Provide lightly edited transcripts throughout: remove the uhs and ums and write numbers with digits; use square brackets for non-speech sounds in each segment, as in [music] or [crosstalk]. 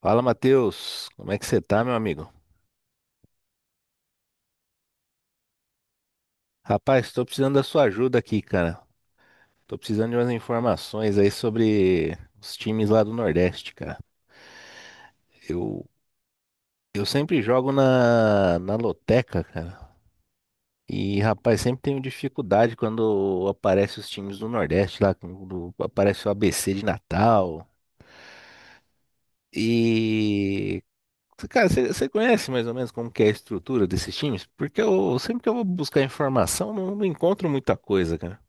Fala, Matheus. Como é que você tá, meu amigo? Rapaz, tô precisando da sua ajuda aqui, cara. Tô precisando de umas informações aí sobre os times lá do Nordeste, cara. Eu, eu sempre jogo na loteca, cara. E, rapaz, sempre tenho dificuldade quando aparece os times do Nordeste lá, quando aparece o ABC de Natal. E, cara, você conhece mais ou menos como que é a estrutura desses times? Porque eu sempre que eu vou buscar informação, não encontro muita coisa, cara.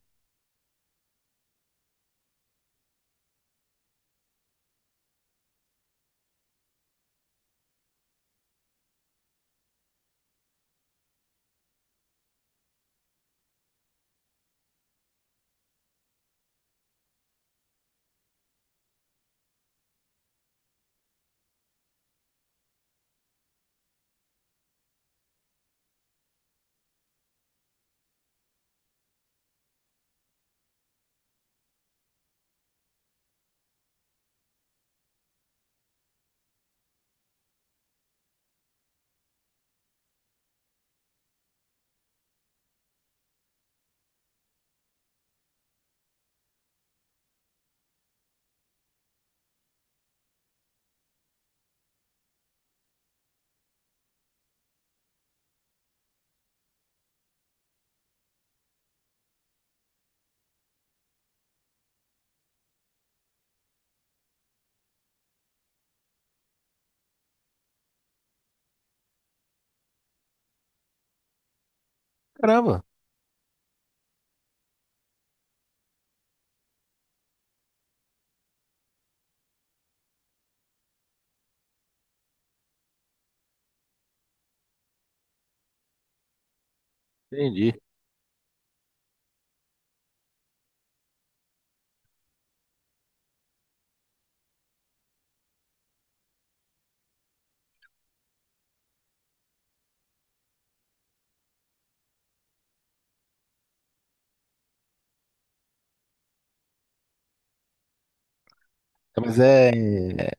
Caramba! Entendi. Mas é,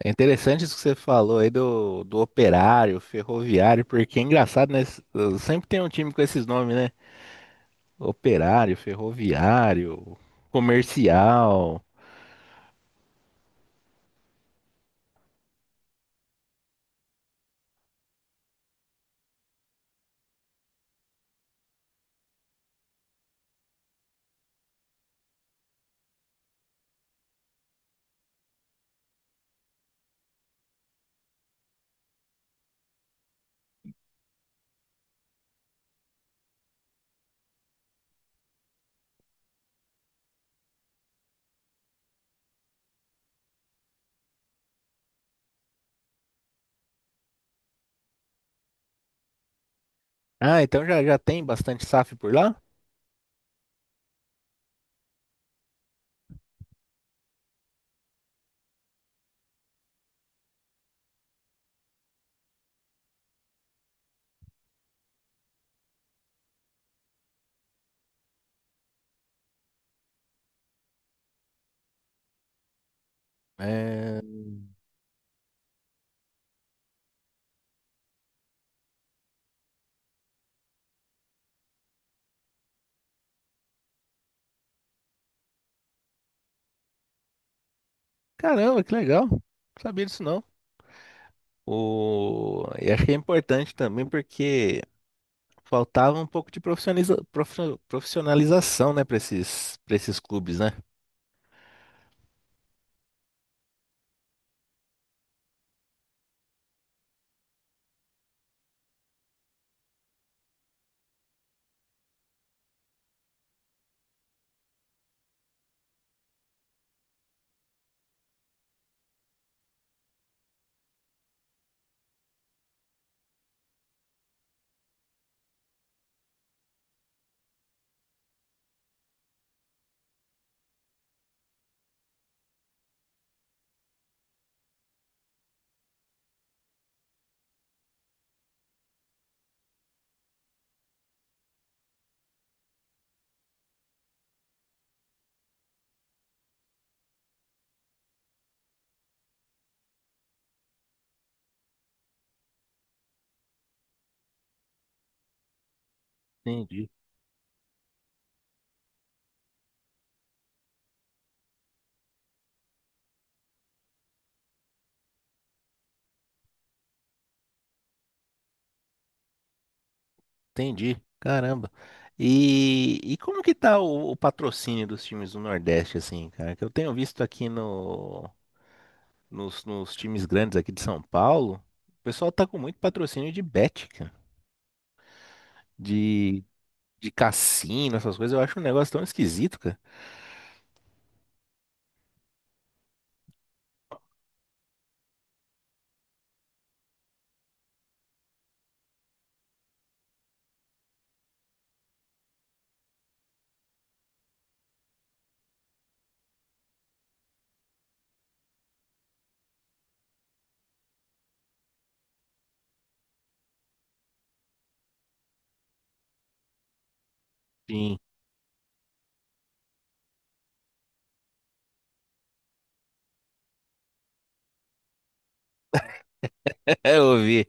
é interessante isso que você falou aí do operário, ferroviário, porque é engraçado, né? Sempre tem um time com esses nomes, né? Operário, ferroviário, comercial. Ah, então já tem bastante SAF por lá? É... Caramba, que legal. Não sabia disso não. O... E acho é importante também porque faltava um pouco de profissionalização, né, para para esses clubes, né? Entendi. Entendi. Caramba. E como que tá o patrocínio dos times do Nordeste, assim, cara? Que eu tenho visto aqui no, nos, nos times grandes aqui de São Paulo, o pessoal tá com muito patrocínio de bet, cara. De, de cassino, essas coisas. Eu acho um negócio tão esquisito, cara. Sim. [laughs] Eu ouvi.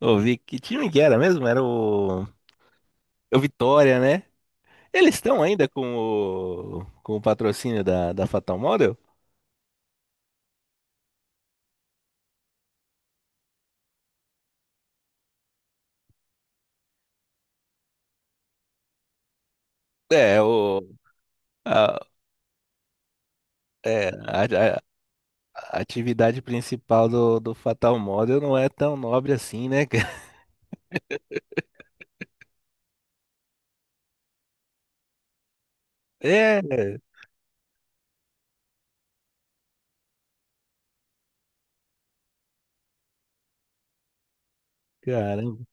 Ouvi. Que time que era mesmo? Era o Vitória, né? Eles estão ainda com com o patrocínio da Fatal Model? É, a- é, a, a atividade principal do Fatal Model não é tão nobre assim, né, cara? [laughs] É, caramba.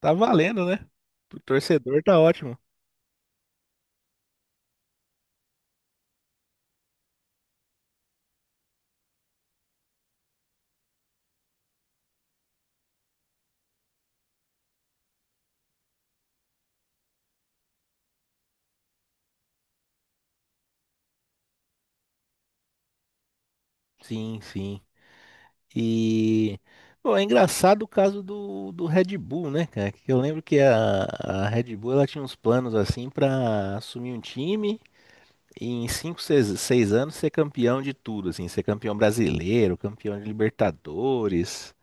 Tá valendo, né? Pro torcedor tá ótimo. Sim, sim. E, bom, é engraçado o caso do Red Bull, né, cara? Que eu lembro que a Red Bull ela tinha uns planos assim pra assumir um time e em 5, seis anos ser campeão de tudo, assim, ser campeão brasileiro, campeão de Libertadores.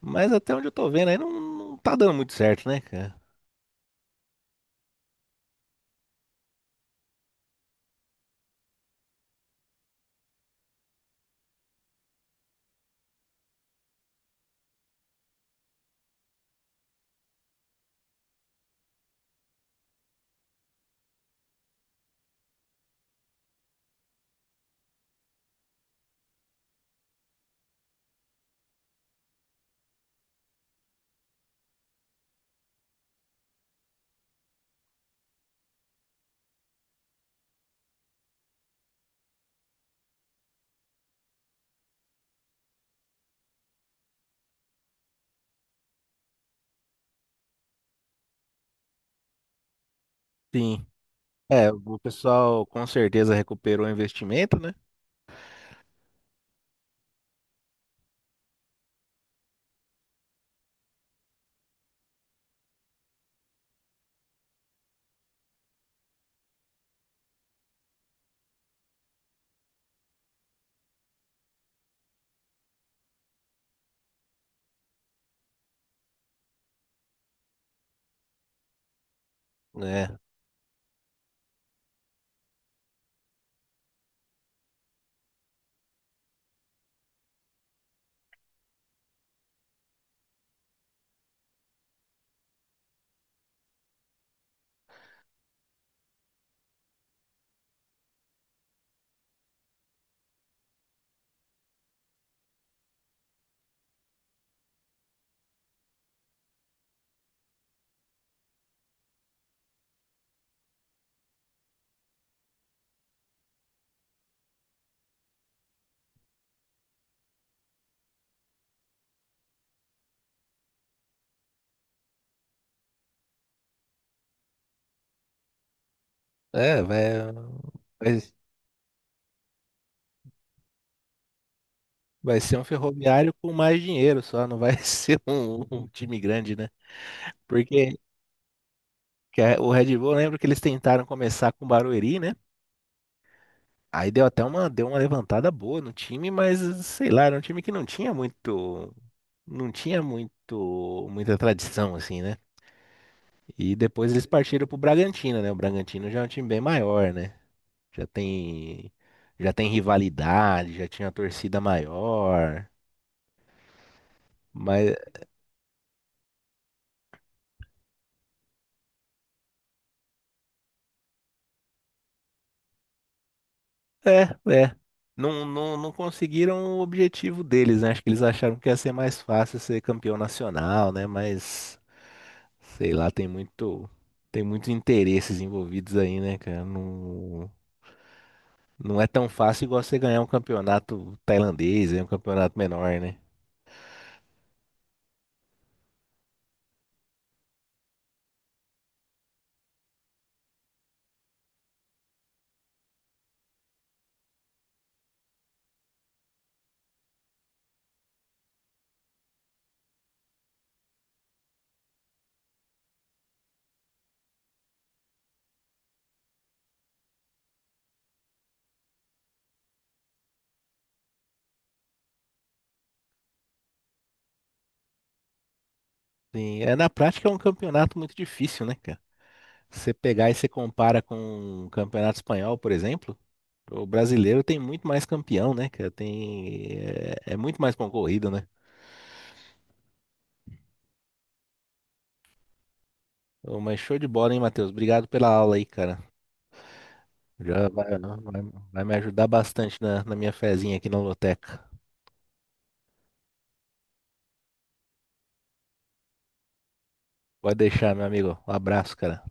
Mas até onde eu tô vendo aí não tá dando muito certo, né, cara? Sim. É, o pessoal com certeza recuperou o investimento, né? É, é, vai, vai, vai ser um ferroviário com mais dinheiro só, não vai [laughs] ser um time grande, né? Porque o Red Bull, eu lembro que eles tentaram começar com o Barueri, né? Aí deu até deu uma levantada boa no time, mas sei lá, era um time que não não tinha muito, muita tradição, assim, né? E depois eles partiram pro Bragantino, né? O Bragantino já é um time bem maior, né? Já tem, já tem rivalidade, já tinha torcida maior, mas é, é. Não, não conseguiram o objetivo deles, né? Acho que eles acharam que ia ser mais fácil ser campeão nacional, né? Mas sei lá, tem muitos interesses envolvidos aí, né, cara? Não, não é tão fácil igual você ganhar um campeonato tailandês, é um campeonato menor, né? Sim, é, na prática é um campeonato muito difícil, né, cara? Você pegar e você compara com o campeonato espanhol, por exemplo. O brasileiro tem muito mais campeão, né, cara? Tem, é muito mais concorrido, né? Ô, mas show de bola, hein, Matheus? Obrigado pela aula aí, cara. Já vai me ajudar bastante na minha fezinha aqui na loteca. Pode deixar, meu amigo. Um abraço, cara.